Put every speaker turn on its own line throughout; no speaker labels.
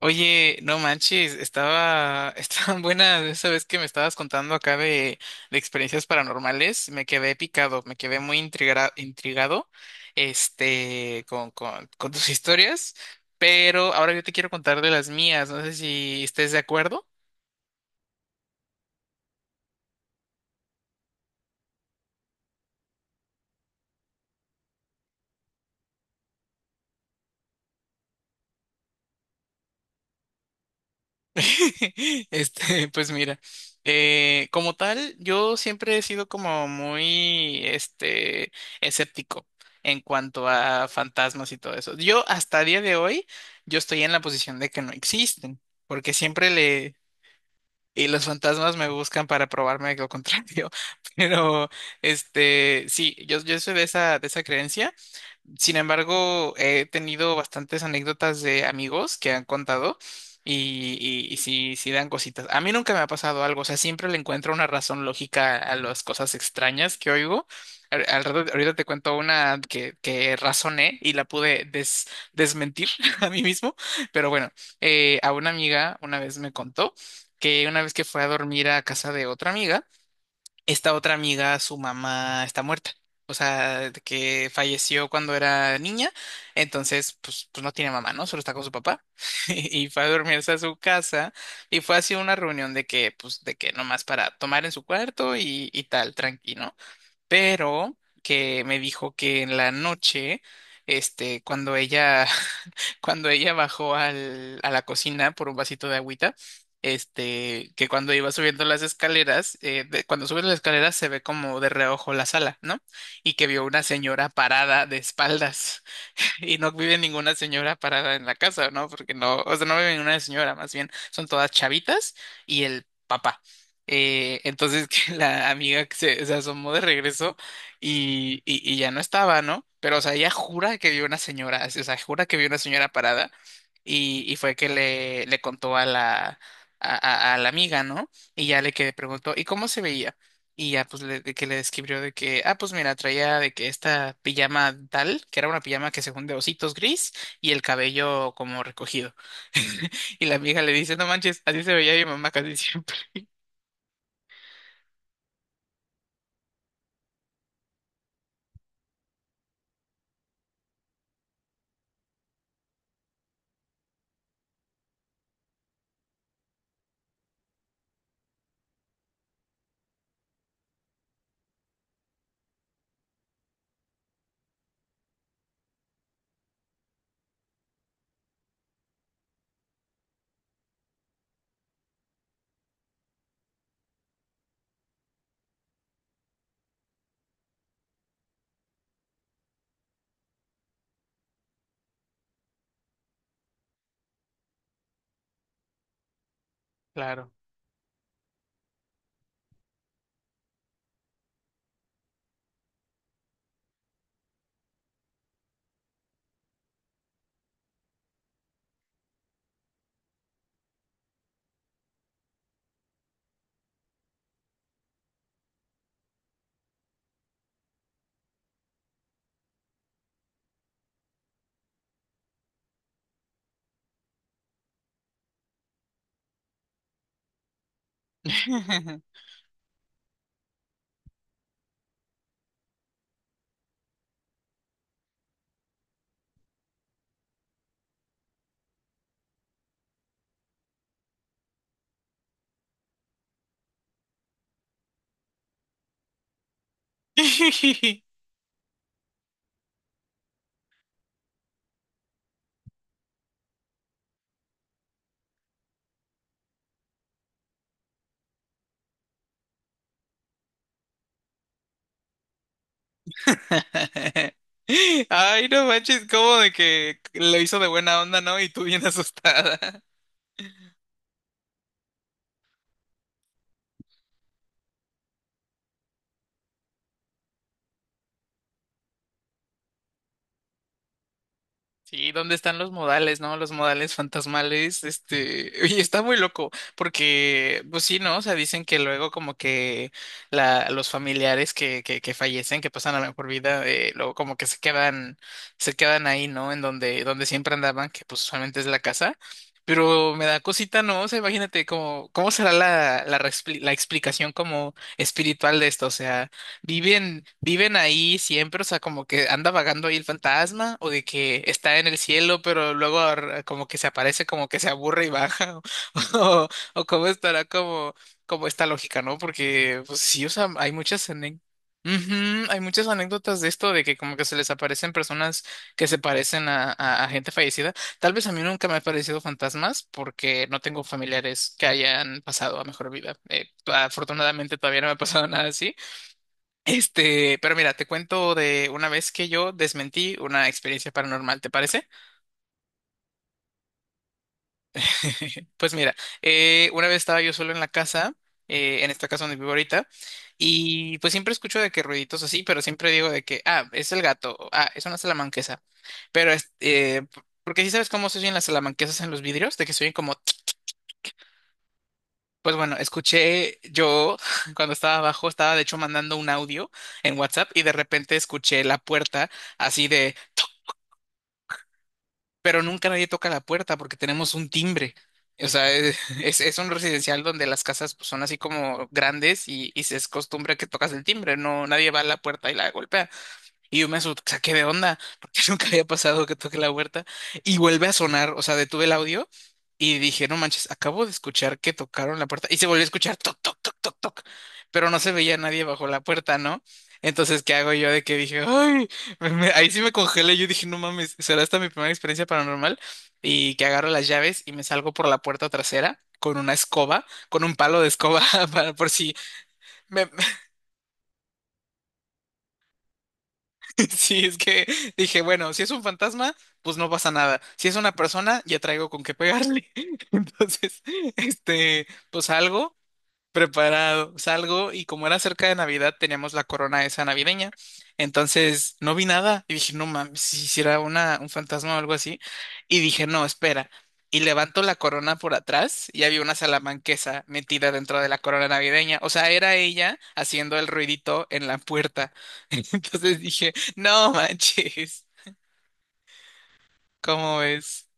Oye, no manches, estaban buenas esa vez que me estabas contando acá de experiencias paranormales, me quedé picado, me quedé muy intrigado, con tus historias, pero ahora yo te quiero contar de las mías, no sé si estés de acuerdo. Pues mira, como tal, yo siempre he sido como muy escéptico en cuanto a fantasmas y todo eso. Yo hasta día de hoy, yo estoy en la posición de que no existen, porque siempre le, y los fantasmas me buscan para probarme lo contrario, pero, sí, yo soy de esa creencia. Sin embargo, he tenido bastantes anécdotas de amigos que han contado y sí, sí dan cositas. A mí nunca me ha pasado algo, o sea, siempre le encuentro una razón lógica a las cosas extrañas que oigo. Ahorita te cuento una que razoné y la pude desmentir a mí mismo, pero bueno, a una amiga una vez me contó que una vez que fue a dormir a casa de otra amiga, esta otra amiga, su mamá está muerta. O sea, de que falleció cuando era niña, entonces pues no tiene mamá, ¿no? Solo está con su papá. Y fue a dormirse a su casa y fue así una reunión de que, pues, de que nomás para tomar en su cuarto y tal, tranquilo, pero que me dijo que en la noche, cuando ella, cuando ella bajó a la cocina por un vasito de agüita, que cuando iba subiendo las escaleras, cuando subes las escaleras se ve como de reojo la sala, ¿no? Y que vio una señora parada de espaldas. Y no vive ninguna señora parada en la casa, ¿no? Porque no, o sea, no vive ninguna señora, más bien son todas chavitas y el papá. Entonces que la amiga se asomó de regreso y, y ya no estaba, ¿no? Pero, o sea, ella jura que vio una señora, así, o sea, jura que vio una señora parada y fue que le contó a la amiga, ¿no? Y ya le que preguntó, ¿y cómo se veía? Y ya pues de que le describió de que, ah, pues mira, traía de que esta pijama tal, que era una pijama que según de ositos gris y el cabello como recogido. Y la vieja le dice, no manches, así se veía mi mamá casi siempre. Claro. Ay, no manches, como de que lo hizo de buena onda, ¿no? Y tú bien asustada. Sí, ¿dónde están los modales, no? Los modales fantasmales, y está muy loco, porque, pues sí, ¿no? O sea, dicen que luego como que la, los familiares que fallecen, que pasan a la mejor vida, luego como que se quedan ahí, ¿no? En donde, donde siempre andaban, que pues usualmente es la casa, pero me da cosita, ¿no? O sea, imagínate cómo, cómo será la explicación como espiritual de esto, o sea. Viven, viven ahí siempre, o sea, como que anda vagando ahí el fantasma, o de que está en el cielo, pero luego como que se aparece, como que se aburre y baja, o, o cómo estará como, como esta lógica, ¿no? Porque, pues sí, o sea, hay muchas anécdotas. Hay muchas anécdotas de esto, de que como que se les aparecen personas que se parecen a gente fallecida. Tal vez a mí nunca me han parecido fantasmas porque no tengo familiares que hayan pasado a mejor vida. Afortunadamente todavía no me ha pasado nada así. Pero mira, te cuento de una vez que yo desmentí una experiencia paranormal, ¿te parece? Pues mira, una vez estaba yo solo en la casa, en esta casa donde vivo ahorita, y pues siempre escucho de que ruiditos así, pero siempre digo de que, ah, es el gato, o, ah, es una salamanquesa, pero porque sí sabes cómo se oyen las salamanquesas en los vidrios, de que se oyen como, tsk, tsk. Pues bueno, escuché yo cuando estaba abajo, estaba de hecho mandando un audio en WhatsApp y de repente escuché la puerta así de... pero nunca nadie toca la puerta porque tenemos un timbre. O sea, es, es un residencial donde las casas pues, son así como grandes y se es costumbre que tocas el timbre, no, nadie va a la puerta y la golpea. Y yo me asusté, o sea, ¿qué de onda? Porque nunca había pasado que toque la huerta. Y vuelve a sonar, o sea, detuve el audio y dije, no manches, acabo de escuchar que tocaron la puerta. Y se volvió a escuchar toc, toc, toc, toc, toc. Pero no se veía nadie bajo la puerta, ¿no? Entonces, ¿qué hago yo de que dije, ay, ahí sí me congelé. Yo dije, no mames, será esta mi primera experiencia paranormal. Y que agarro las llaves y me salgo por la puerta trasera con una escoba, con un palo de escoba, para, por si. Sí, es que dije, bueno, si es un fantasma, pues no pasa nada. Si es una persona, ya traigo con qué pegarle. Entonces, pues algo preparado. Salgo y como era cerca de Navidad, teníamos la corona esa navideña. Entonces no vi nada y dije, no mames, si hiciera una, un fantasma o algo así. Y dije, no, espera. Y levanto la corona por atrás y había una salamanquesa metida dentro de la corona navideña. O sea, era ella haciendo el ruidito en la puerta. Entonces dije, no manches, ¿cómo es?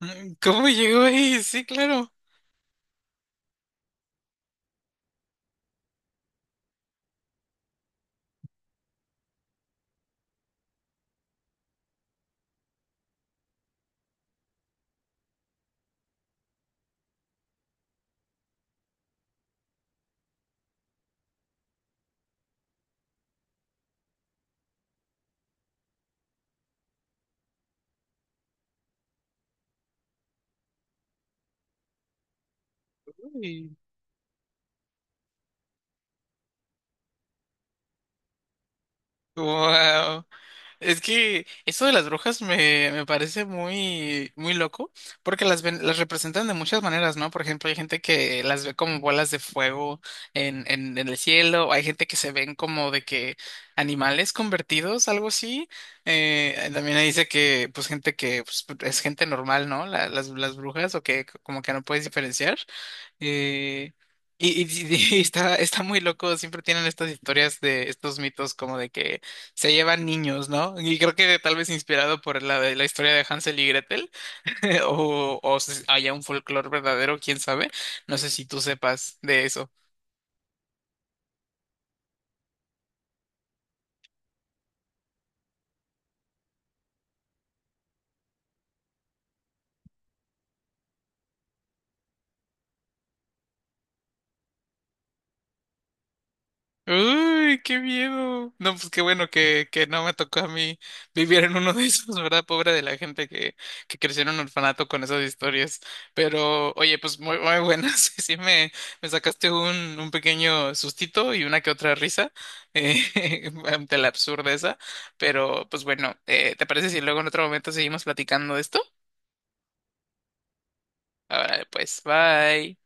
¿Cómo llegó ahí? Sí, claro. Uy, wow. Es que eso de las brujas me, me parece muy, muy loco, porque las, las representan de muchas maneras, ¿no? Por ejemplo, hay gente que las ve como bolas de fuego en el cielo, hay gente que se ven como de que animales convertidos, algo así. También ahí dice que, pues, gente que pues, es gente normal, ¿no? Las brujas, o que como que no puedes diferenciar. Eh, y, y- está, está muy loco, siempre tienen estas historias de estos mitos como de que se llevan niños, ¿no? Y creo que tal vez inspirado por la historia de Hansel y Gretel, o si haya un folclore verdadero, quién sabe. No sé si tú sepas de eso. Uy, qué miedo. No, pues qué bueno que no me tocó a mí vivir en uno de esos, ¿verdad? Pobre de la gente que creció en un orfanato con esas historias. Pero, oye, pues muy, muy buenas. Sí, me sacaste un pequeño sustito y una que otra risa ante la absurdeza. Pero, pues bueno, ¿te parece si luego en otro momento seguimos platicando de esto? Ahora, pues, bye.